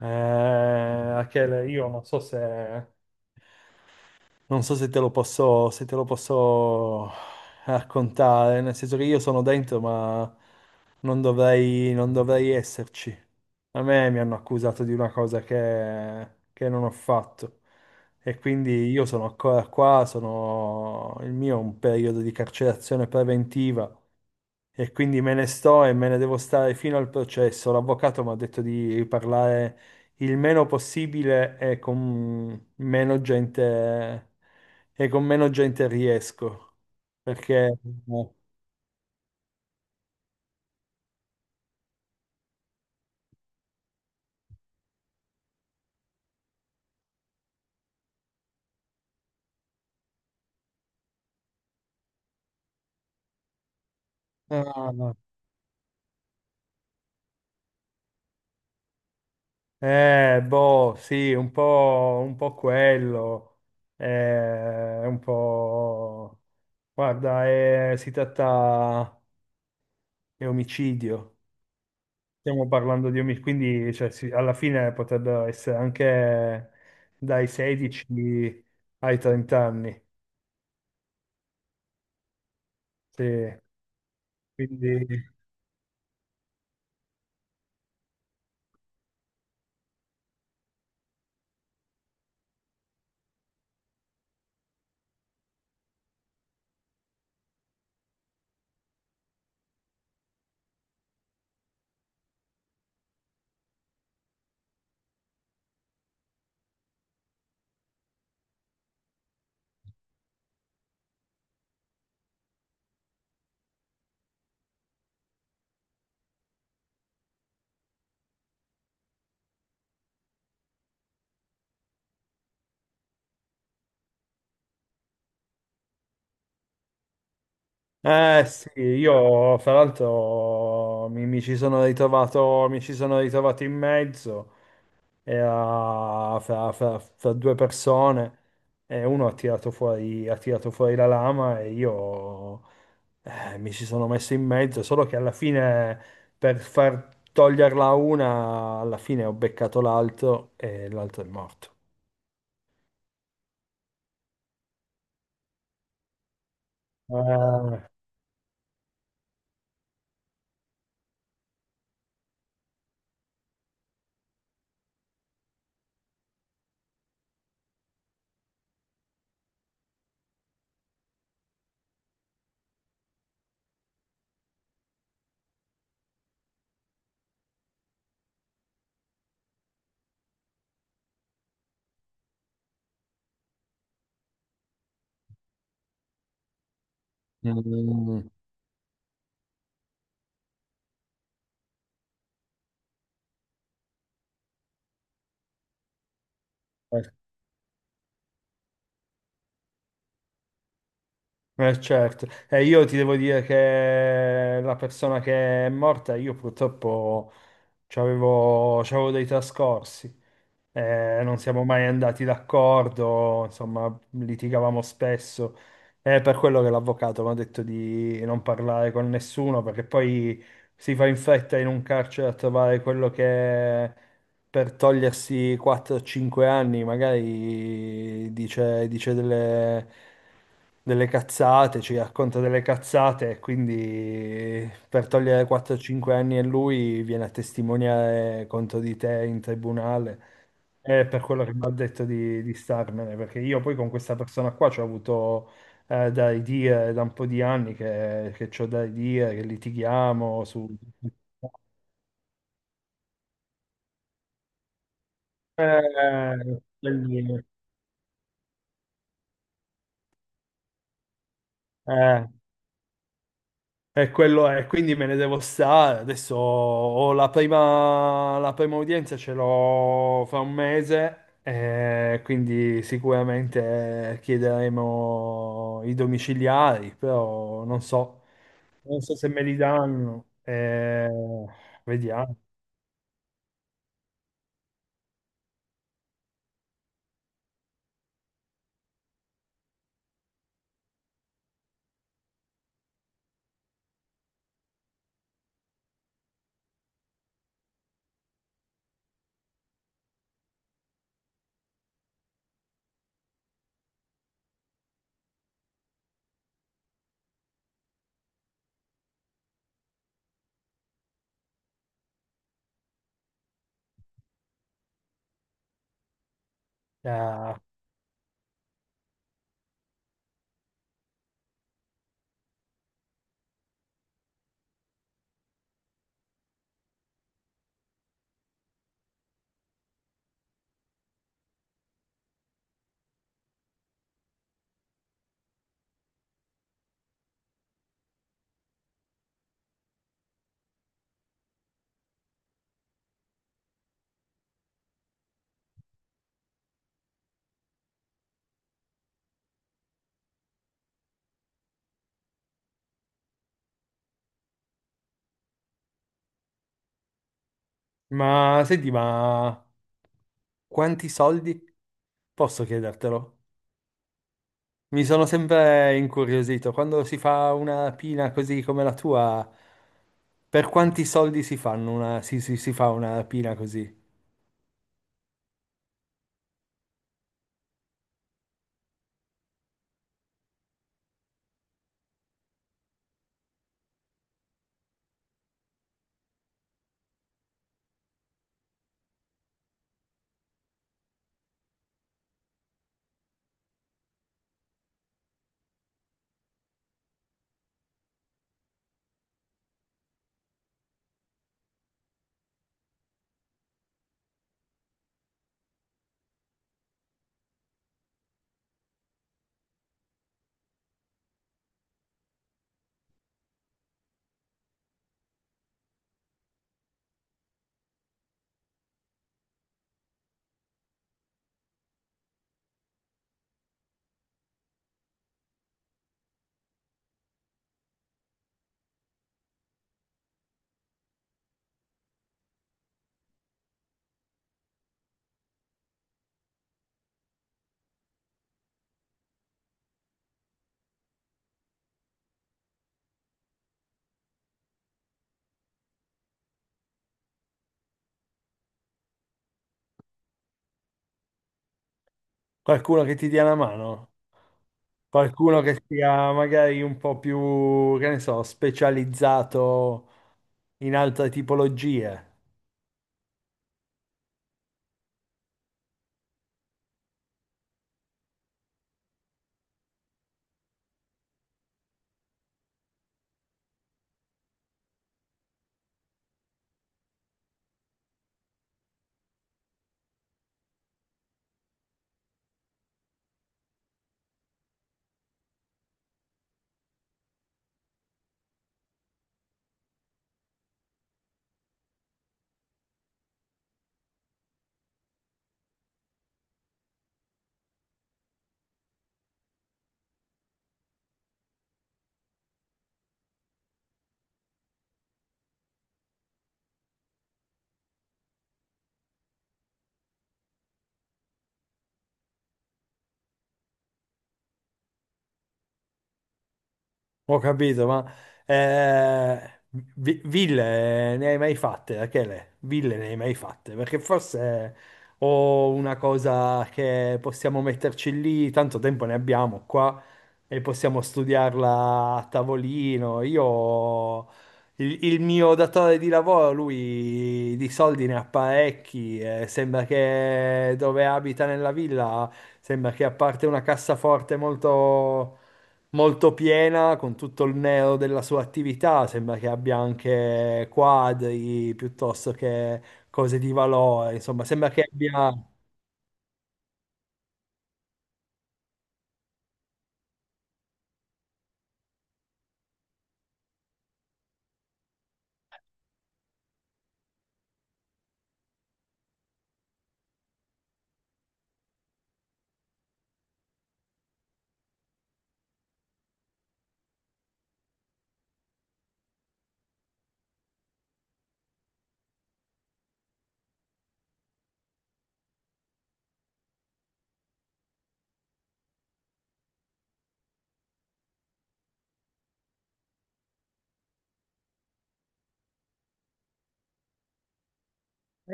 Eh, Achele, io non so se, non so se te lo posso, se te lo posso raccontare, nel senso che io sono dentro, ma non dovrei, non dovrei esserci. A me mi hanno accusato di una cosa che non ho fatto, e quindi io sono ancora qua, sono, il mio è un periodo di carcerazione preventiva, e quindi me ne sto e me ne devo stare fino al processo. L'avvocato mi ha detto di parlare il meno possibile e con meno gente, e con meno gente riesco. Perché... no. Ah, no. Boh, sì, un po' quello. Un po'... Guarda, è- si tratta... è omicidio. Stiamo parlando di omicidi, quindi cioè, sì, alla fine potrebbero essere anche dai 16 ai 30 anni. Sì. Quindi, eh sì, io fra l'altro mi, mi ci sono ritrovato, mi ci sono ritrovato in mezzo e a- fra, fra- fra due persone, e uno ha tirato fuori la lama e io mi ci sono messo in mezzo, solo che alla fine, per far toglierla a una, alla fine ho beccato l'altro e l'altro è morto. Ah. Mm. Certo, e io ti devo dire che la persona che è morta, io purtroppo c'avevo dei trascorsi. Non siamo mai andati d'accordo, insomma, litigavamo spesso. È per quello che l'avvocato mi ha detto di non parlare con nessuno, perché poi si fa in fretta in un carcere a trovare quello che per togliersi 4-5 anni, magari dice, dice delle, delle cazzate, ci racconta delle cazzate, e quindi per togliere 4-5 anni a lui viene a testimoniare contro di te in tribunale. È per quello che mi ha detto di starmene, perché io poi con questa persona qua ci ho avuto da ridire da un po' di anni, che c'ho da ridire, che litighiamo su... Eh, quindi- Eh, e quello è, quindi me ne devo stare. Adesso ho la prima udienza, ce l'ho fra 1 mese, quindi sicuramente chiederemo i domiciliari, però non so, non so se me li danno. Vediamo. Eh, ma senti, ma quanti soldi? Posso chiedertelo? Mi sono sempre incuriosito. Quando si fa una pina così come la tua, per quanti soldi si fanno una, si- si fa una pina così? Qualcuno che ti dia una mano? Qualcuno che sia magari un po' più, che ne so, specializzato in altre tipologie? Ho capito, ma eh, vi- ville ne hai mai fatte, Rachele? Ville ne hai mai fatte? Perché forse ho una cosa che possiamo metterci lì, tanto tempo ne abbiamo qua e possiamo studiarla a tavolino. Io, il mio datore di lavoro, lui di soldi ne ha parecchi, sembra che dove abita nella villa, sembra che a parte una cassaforte molto molto piena con tutto il neo della sua attività, sembra che abbia anche quadri piuttosto che cose di valore, insomma, sembra che abbia...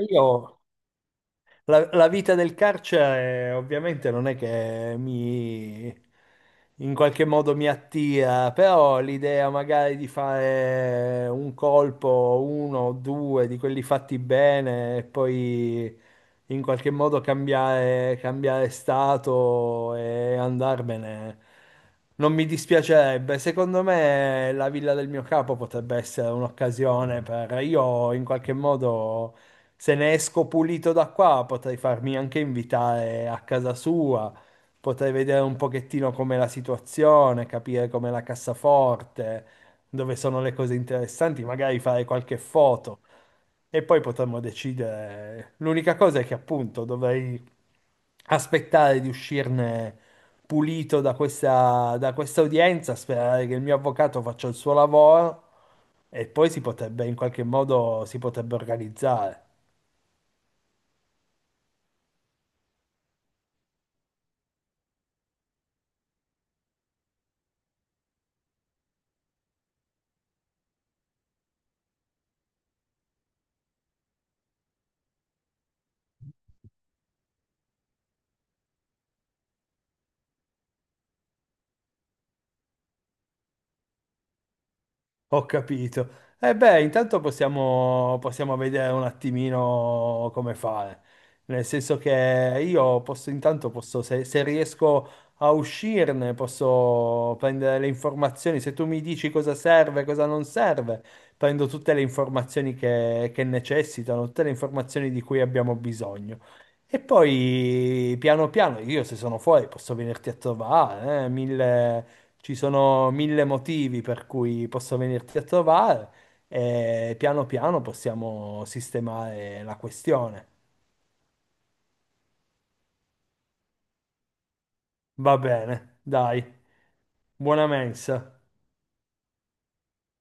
Io... La vita del carcere ovviamente non è che mi in qualche modo mi attira, però l'idea magari di fare un colpo, uno o due di quelli fatti bene e poi in qualche modo cambiare, cambiare stato e andarmene, non mi dispiacerebbe. Secondo me la villa del mio capo potrebbe essere un'occasione per io in qualche modo. Se ne esco pulito da qua, potrei farmi anche invitare a casa sua, potrei vedere un pochettino com'è la situazione, capire com'è la cassaforte, dove sono le cose interessanti, magari fare qualche foto e poi potremmo decidere. L'unica cosa è che appunto dovrei aspettare di uscirne pulito da questa udienza, sperare che il mio avvocato faccia il suo lavoro e poi si potrebbe in qualche modo si potrebbe organizzare. Ho capito. E beh, intanto possiamo, possiamo vedere un attimino come fare. Nel senso che io posso, intanto posso, se, se riesco a uscirne, posso prendere le informazioni. Se tu mi dici cosa serve, cosa non serve, prendo tutte le informazioni che necessitano, tutte le informazioni di cui abbiamo bisogno. E poi, piano piano, io se sono fuori posso venirti a trovare, 1000 ci sono 1000 motivi per cui posso venirti a trovare e piano piano possiamo sistemare la questione. Va bene, dai, buona mensa.